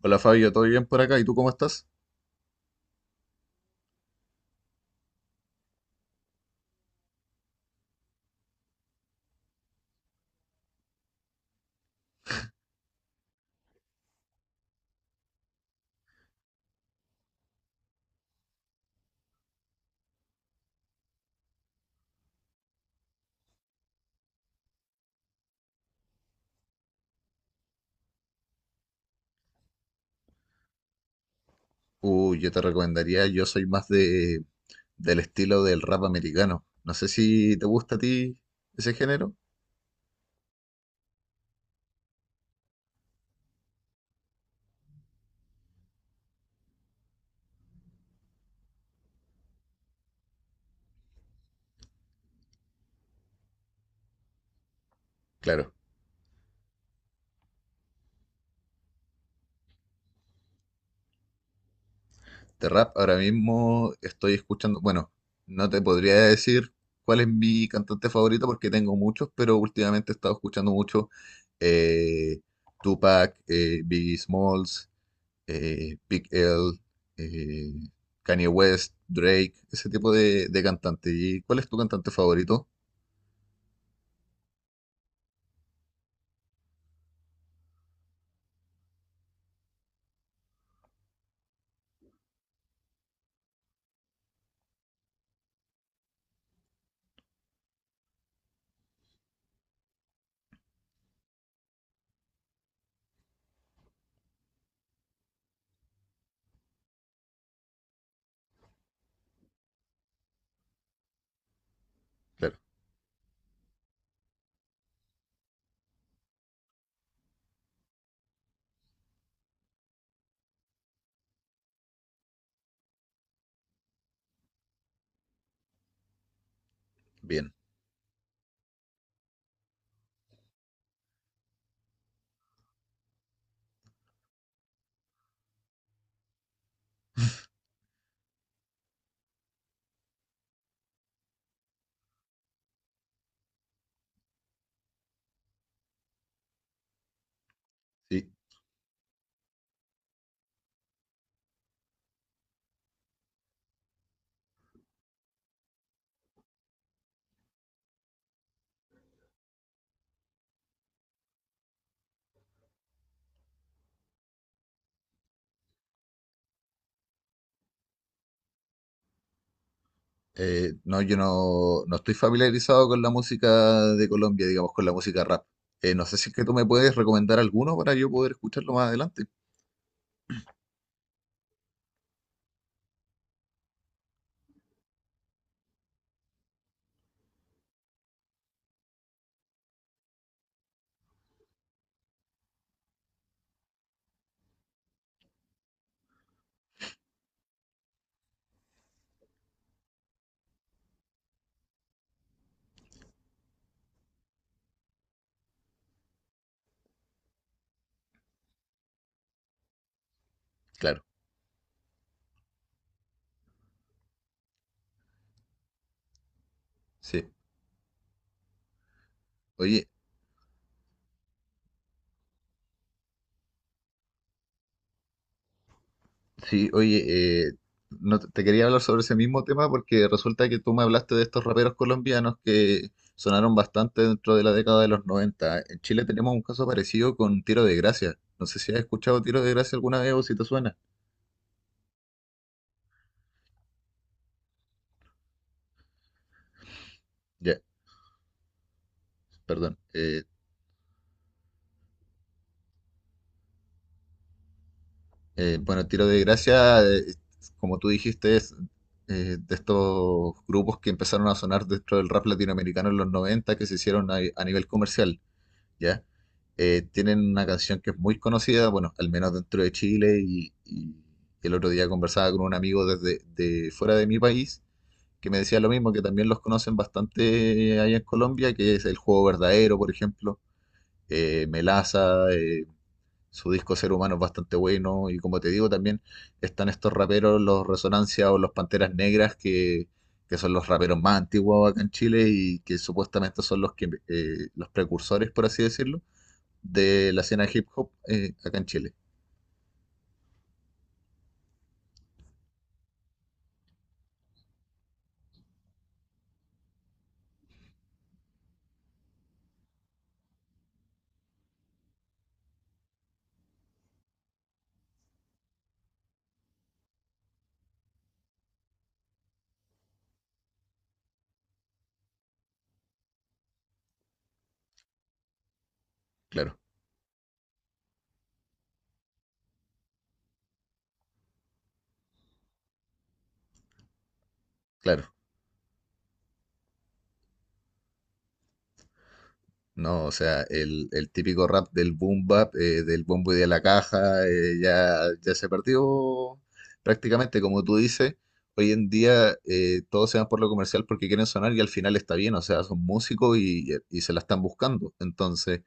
Hola Fabio, ¿todo bien por acá? ¿Y tú cómo estás? Uy, yo te recomendaría, yo soy más del estilo del rap americano. No sé si te gusta a ti ese género. Claro, de rap ahora mismo estoy escuchando, bueno, no te podría decir cuál es mi cantante favorito porque tengo muchos, pero últimamente he estado escuchando mucho eh, Tupac, Biggie Smalls, Big L, eh, Kanye West, Drake, ese tipo de cantante. ¿Y cuál es tu cantante favorito? Claro, bien, sí. No, yo no estoy familiarizado con la música de Colombia, digamos, con la música rap. No sé si es que tú me puedes recomendar alguno para yo poder escucharlo más adelante. Claro, sí. Oye, sí, oye, no, te quería hablar sobre ese mismo tema porque resulta que tú me hablaste de estos raperos colombianos que sonaron bastante dentro de la década de los noventa. En Chile tenemos un caso parecido con Tiro de Gracia. No sé si has escuchado Tiro de Gracia alguna vez o si te suena. Ya, perdón. Bueno, Tiro de Gracia, como tú dijiste, es de estos grupos que empezaron a sonar dentro del rap latinoamericano en los 90, que se hicieron a nivel comercial, ¿ya? Tienen una canción que es muy conocida, bueno, al menos dentro de Chile y el otro día conversaba con un amigo desde de fuera de mi país que me decía lo mismo, que también los conocen bastante allá en Colombia, que es El Juego Verdadero, por ejemplo, Melaza, su disco Ser Humano es bastante bueno. Y como te digo, también están estos raperos, los Resonancia o los Panteras Negras, que son los raperos más antiguos acá en Chile y que supuestamente son los, que, los precursores, por así decirlo, de la escena hip hop acá en Chile. Claro, claro. No, o sea, el típico rap del boom bap, del bombo y de la caja, ya, ya se perdió prácticamente, como tú dices. Hoy en día todos se van por lo comercial porque quieren sonar y al final está bien, o sea, son músicos y se la están buscando. Entonces,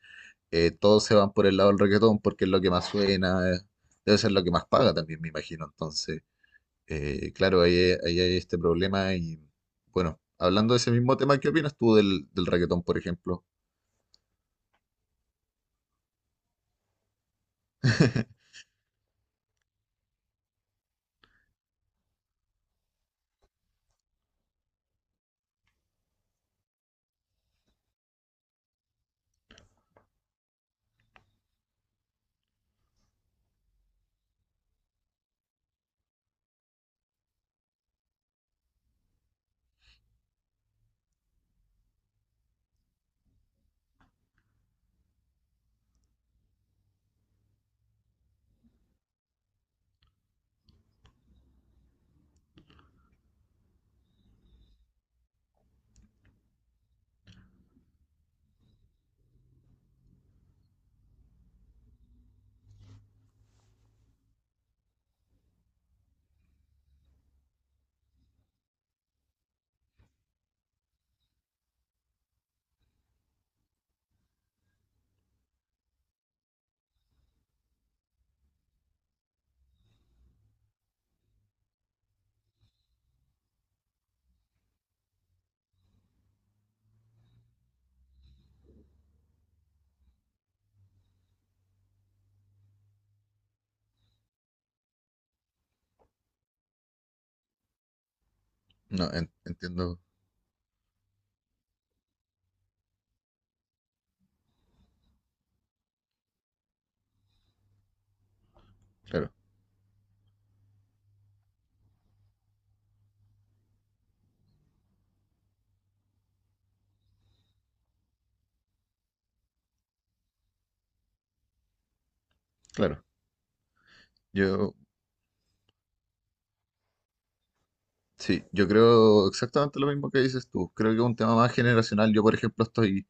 todos se van por el lado del reggaetón porque es lo que más suena, debe ser lo que más paga también, me imagino. Entonces, claro, ahí hay este problema y bueno, hablando de ese mismo tema, ¿qué opinas tú del reggaetón, por ejemplo? No, en- entiendo, claro, claro. Yo, sí, yo creo exactamente lo mismo que dices tú. Creo que es un tema más generacional. Yo, por ejemplo, estoy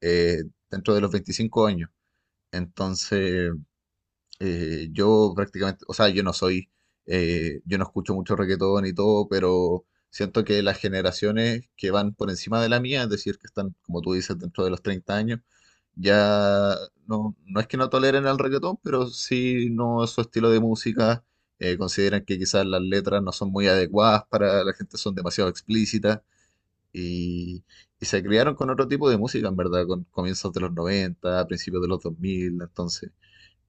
eh, dentro de los 25 años. Entonces, yo prácticamente, o sea, yo no soy, yo no escucho mucho reggaetón y todo, pero siento que las generaciones que van por encima de la mía, es decir, que están, como tú dices, dentro de los 30 años, ya no es que no toleren el reggaetón, pero sí no es su estilo de música. Eh, consideran que quizás las letras no son muy adecuadas para la gente, son demasiado explícitas y, y se criaron con otro tipo de música, en verdad, con comienzos de los 90 principios de los dos mil. Entonces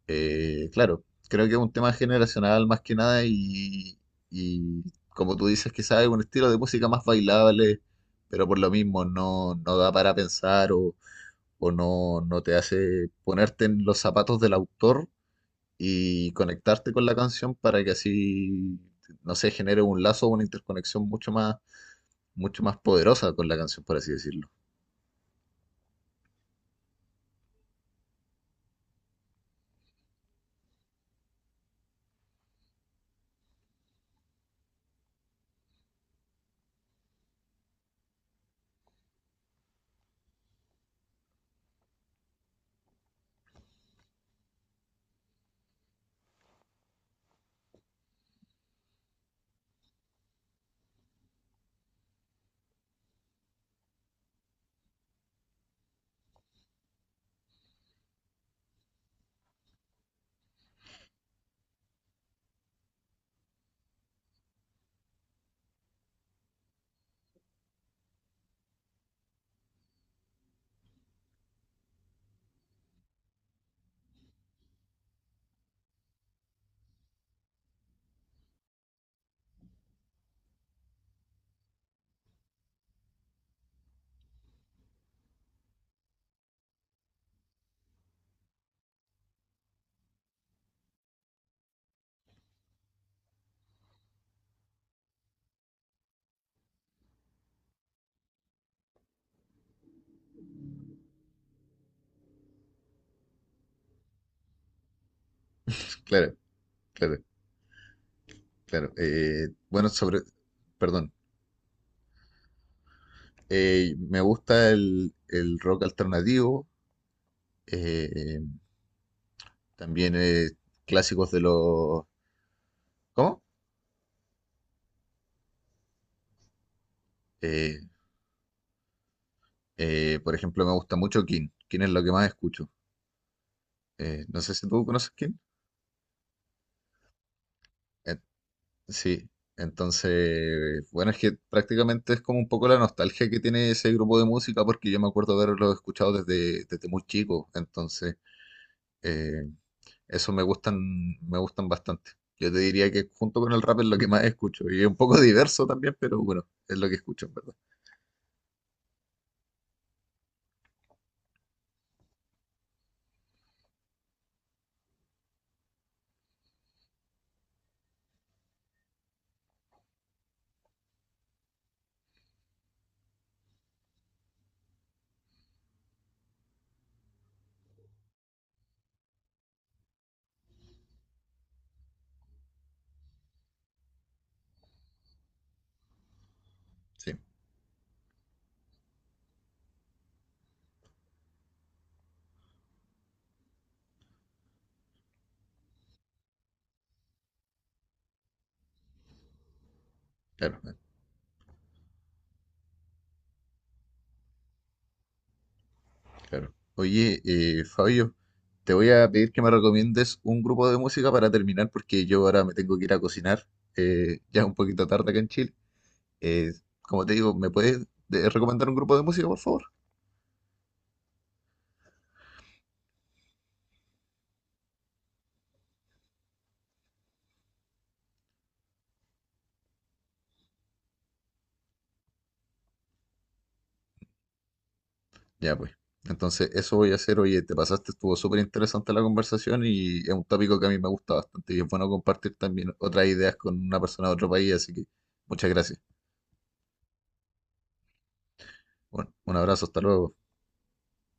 claro, creo que es un tema generacional más que nada y como tú dices, quizás es un estilo de música más bailable, pero por lo mismo no da para pensar o, no te hace ponerte en los zapatos del autor y conectarte con la canción para que así, no sé, genere un lazo o una interconexión mucho más poderosa con la canción, por así decirlo. Claro, claro, claro. Perdón. Me gusta el rock alternativo, eh, también clásicos de los... ¿Cómo? Eh, por ejemplo, me gusta mucho King. King es lo que más escucho. No sé si tú conoces King. Eh, sí, entonces, bueno, es que prácticamente es como un poco la nostalgia que tiene ese grupo de música, porque yo me acuerdo haberlo escuchado desde, desde muy chico. Entonces, eh, eso me gustan bastante. Yo te diría que junto con el rap es lo que más escucho. Y es un poco diverso también, pero bueno, es lo que escucho, en verdad. Sí, claro, claro. Oye, Fabio, te voy a pedir que me recomiendes un grupo de música para terminar, porque yo ahora me tengo que ir a cocinar. Eh, ya es un poquito tarde acá en Chile. Eh, como te digo, ¿me puedes recomendar un grupo de música, por favor? Ya pues. Entonces, eso voy a hacer. Oye, te pasaste, estuvo súper interesante la conversación y es un tópico que a mí me gusta bastante y es bueno compartir también otras ideas con una persona de otro país, así que muchas gracias. Bueno, un abrazo, hasta luego.